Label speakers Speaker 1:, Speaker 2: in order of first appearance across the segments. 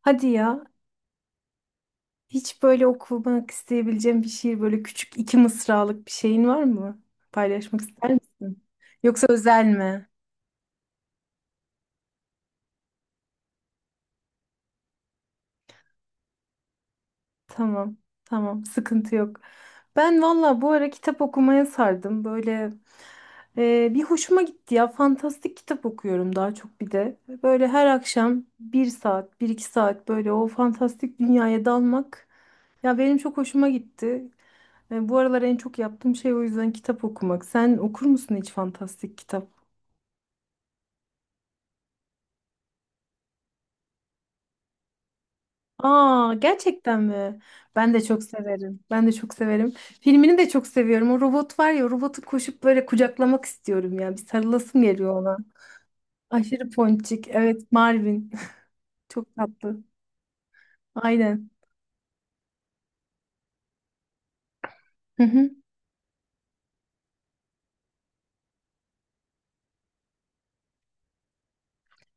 Speaker 1: Hadi ya. Hiç böyle okumak isteyebileceğim bir şiir, böyle küçük iki mısralık bir şeyin var mı? Paylaşmak ister misin? Yoksa özel mi? Tamam, tamam, sıkıntı yok. Ben valla bu ara kitap okumaya sardım. Böyle bir hoşuma gitti ya. Fantastik kitap okuyorum daha çok bir de. Böyle her akşam bir saat, bir iki saat böyle o fantastik dünyaya dalmak. Ya benim çok hoşuma gitti. Bu aralar en çok yaptığım şey o yüzden kitap okumak. Sen okur musun hiç fantastik kitap? Aa, gerçekten mi? Ben de çok severim. Ben de çok severim. Filmini de çok seviyorum. O robot var ya, o robotu koşup böyle kucaklamak istiyorum ya. Bir sarılasım geliyor ona. Aşırı ponçik. Evet, Marvin. Çok tatlı. Aynen. Hı hı.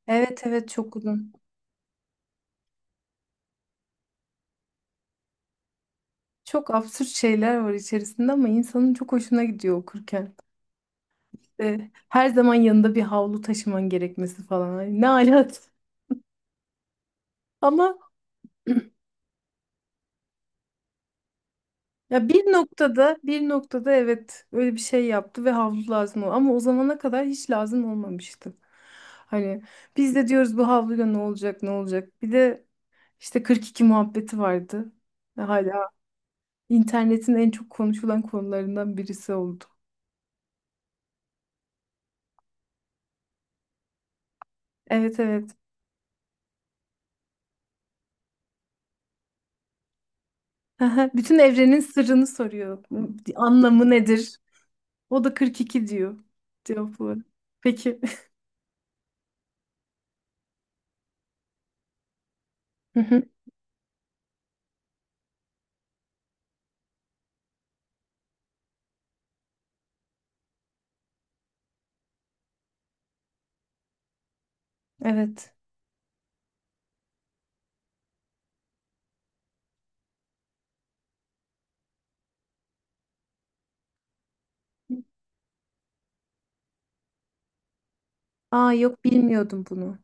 Speaker 1: Evet, evet, çok uzun. Çok absürt şeyler var içerisinde ama insanın çok hoşuna gidiyor okurken. İşte her zaman yanında bir havlu taşıman gerekmesi falan. Ay, ne alat. Ama ya bir noktada, bir noktada evet öyle bir şey yaptı ve havlu lazım oldu. Ama o zamana kadar hiç lazım olmamıştı. Hani biz de diyoruz bu havluyla ne olacak, ne olacak. Bir de işte 42 muhabbeti vardı. Ve hala internetin en çok konuşulan konularından birisi oldu. Evet, evet. Bütün evrenin sırrını soruyor. Anlamı nedir? O da 42 diyor cevapları. Peki. Hı hı, evet. Aa, yok, bilmiyordum bunu.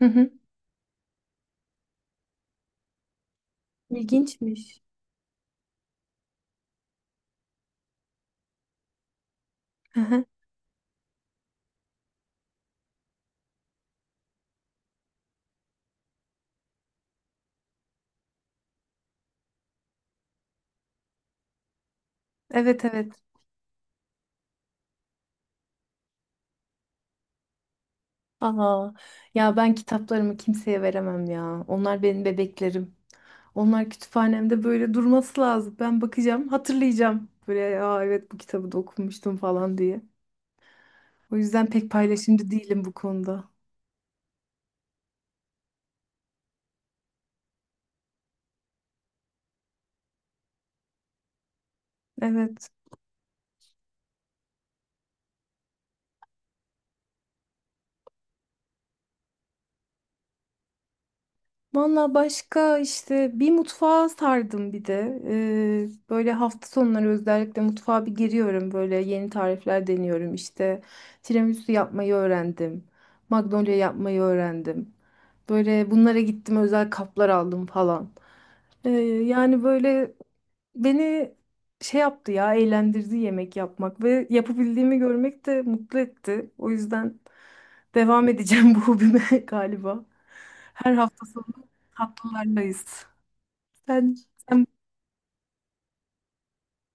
Speaker 1: Hı hı. İlginçmiş. Hı hı. Evet, evet. Aa, ya ben kitaplarımı kimseye veremem ya. Onlar benim bebeklerim. Onlar kütüphanemde böyle durması lazım. Ben bakacağım, hatırlayacağım. Böyle, aa evet, bu kitabı da okumuştum falan diye. O yüzden pek paylaşımcı değilim bu konuda. Evet. Valla başka işte bir mutfağa sardım bir de. Böyle hafta sonları özellikle mutfağa bir giriyorum. Böyle yeni tarifler deniyorum işte. Tiramisu yapmayı öğrendim. Magnolia yapmayı öğrendim. Böyle bunlara gittim, özel kaplar aldım falan. Ee, yani böyle beni şey yaptı ya, eğlendirdi yemek yapmak ve yapabildiğimi görmek de mutlu etti. O yüzden devam edeceğim bu hobime galiba. Her hafta sonu tatlılardayız. Sen, sen.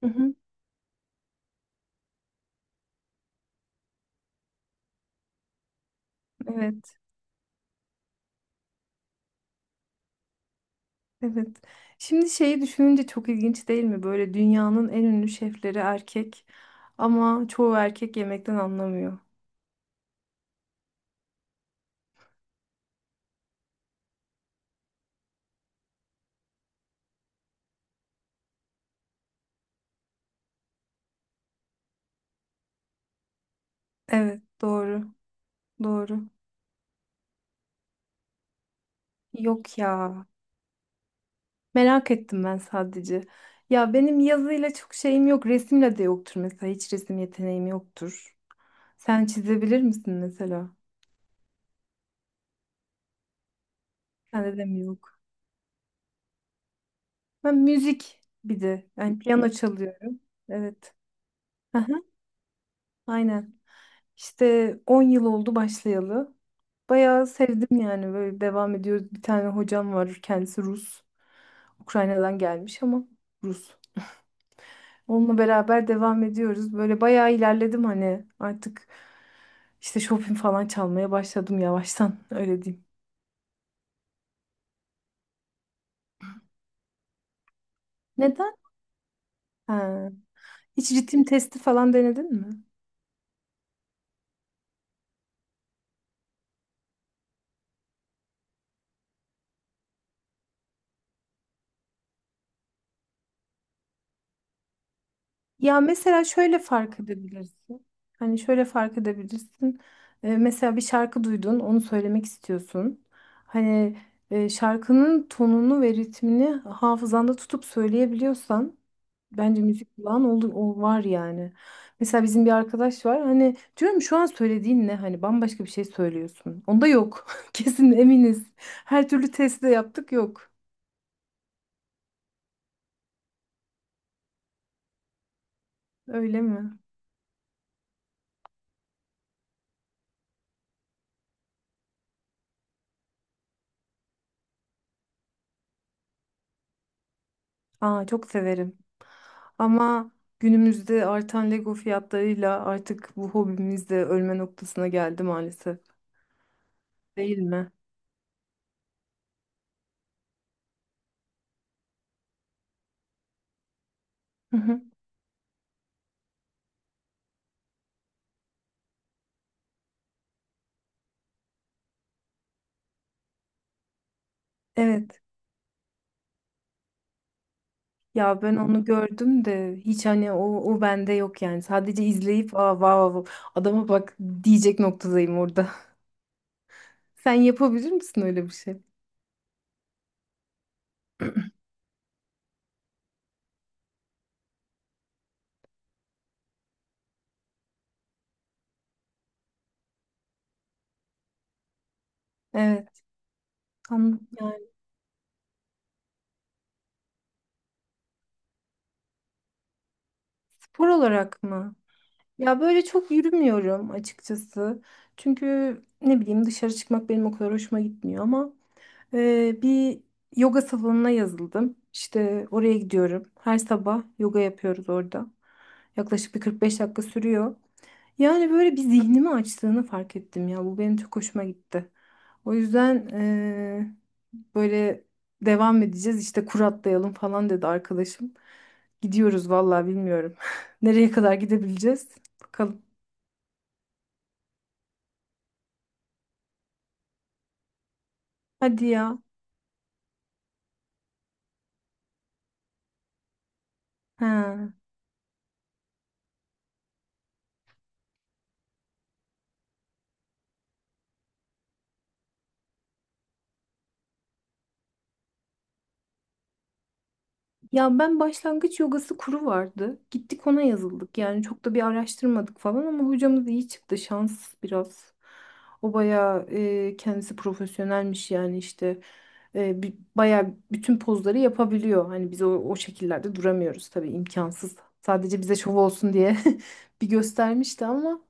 Speaker 1: Hı hı, evet, evet. Şimdi şeyi düşününce çok ilginç değil mi? Böyle dünyanın en ünlü şefleri erkek ama çoğu erkek yemekten anlamıyor. Evet, doğru, doğru. Yok ya. Merak ettim ben sadece. Ya benim yazıyla çok şeyim yok, resimle de yoktur mesela. Hiç resim yeteneğim yoktur. Sen çizebilir misin mesela? Sende de mi yok? Ben müzik bir de. Yani piyano çalıyorum. Evet. Aha, aynen. İşte 10 yıl oldu başlayalı. Bayağı sevdim, yani böyle devam ediyoruz. Bir tane hocam var, kendisi Rus. Ukrayna'dan gelmiş ama Rus. Onunla beraber devam ediyoruz. Böyle bayağı ilerledim, hani artık işte Chopin falan çalmaya başladım yavaştan, öyle diyeyim. Neden? Ha. Hiç ritim testi falan denedin mi? Ya mesela şöyle fark edebilirsin. Hani şöyle fark edebilirsin. Mesela bir şarkı duydun, onu söylemek istiyorsun. Hani şarkının tonunu ve ritmini hafızanda tutup söyleyebiliyorsan bence müzik kulağın oldu, o var yani. Mesela bizim bir arkadaş var. Hani diyorum, şu an söylediğin ne? Hani bambaşka bir şey söylüyorsun. Onda yok. Kesin eminiz. Her türlü testi de yaptık, yok. Öyle mi? Aa, çok severim. Ama günümüzde artan Lego fiyatlarıyla artık bu hobimiz de ölme noktasına geldi maalesef. Değil mi? Hı hı. Evet. Ya ben onu gördüm de hiç hani o bende yok yani. Sadece izleyip, aa vav vav adama bak diyecek noktadayım orada. Sen yapabilir misin öyle bir şey? Evet. Anladım yani. Spor olarak mı? Ya böyle çok yürümüyorum açıkçası. Çünkü ne bileyim, dışarı çıkmak benim o kadar hoşuma gitmiyor ama bir yoga salonuna yazıldım. İşte oraya gidiyorum. Her sabah yoga yapıyoruz orada. Yaklaşık bir 45 dakika sürüyor. Yani böyle bir zihnimi açtığını fark ettim ya. Bu benim çok hoşuma gitti. O yüzden böyle devam edeceğiz. İşte kur atlayalım falan dedi arkadaşım. Gidiyoruz vallahi, bilmiyorum. Nereye kadar gidebileceğiz? Bakalım. Hadi ya. He. Ya ben, başlangıç yogası kuru vardı. Gittik, ona yazıldık. Yani çok da bir araştırmadık falan ama hocamız iyi çıktı. Şans biraz. O bayağı kendisi profesyonelmiş yani işte. Bayağı bütün pozları yapabiliyor. Hani biz o şekillerde duramıyoruz tabii, imkansız. Sadece bize şov olsun diye bir göstermişti ama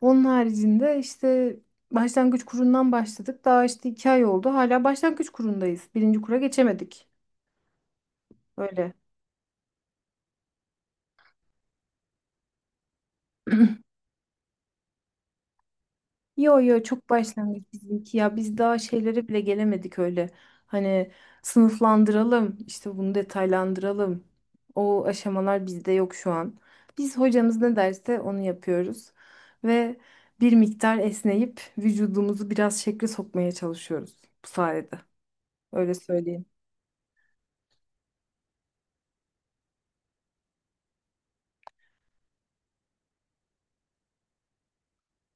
Speaker 1: onun haricinde işte başlangıç kurundan başladık. Daha işte 2 ay oldu. Hala başlangıç kurundayız. Birinci kura geçemedik. Öyle. Yo yo, çok başlangıç bizimki ya, biz daha şeylere bile gelemedik öyle. Hani sınıflandıralım işte, bunu detaylandıralım. O aşamalar bizde yok şu an. Biz hocamız ne derse onu yapıyoruz ve bir miktar esneyip vücudumuzu biraz şekle sokmaya çalışıyoruz bu sayede. Öyle söyleyeyim.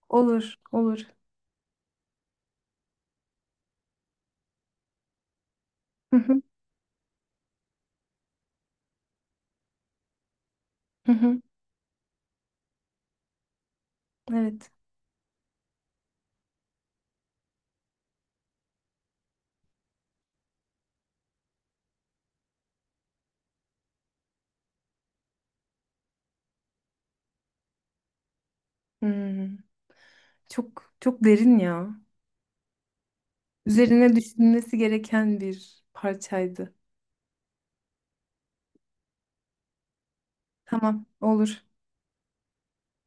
Speaker 1: Olur, olur. Hı hı, hı hı. Evet. Hmm. Çok çok derin ya. Üzerine düşünülmesi gereken bir parçaydı. Tamam, olur.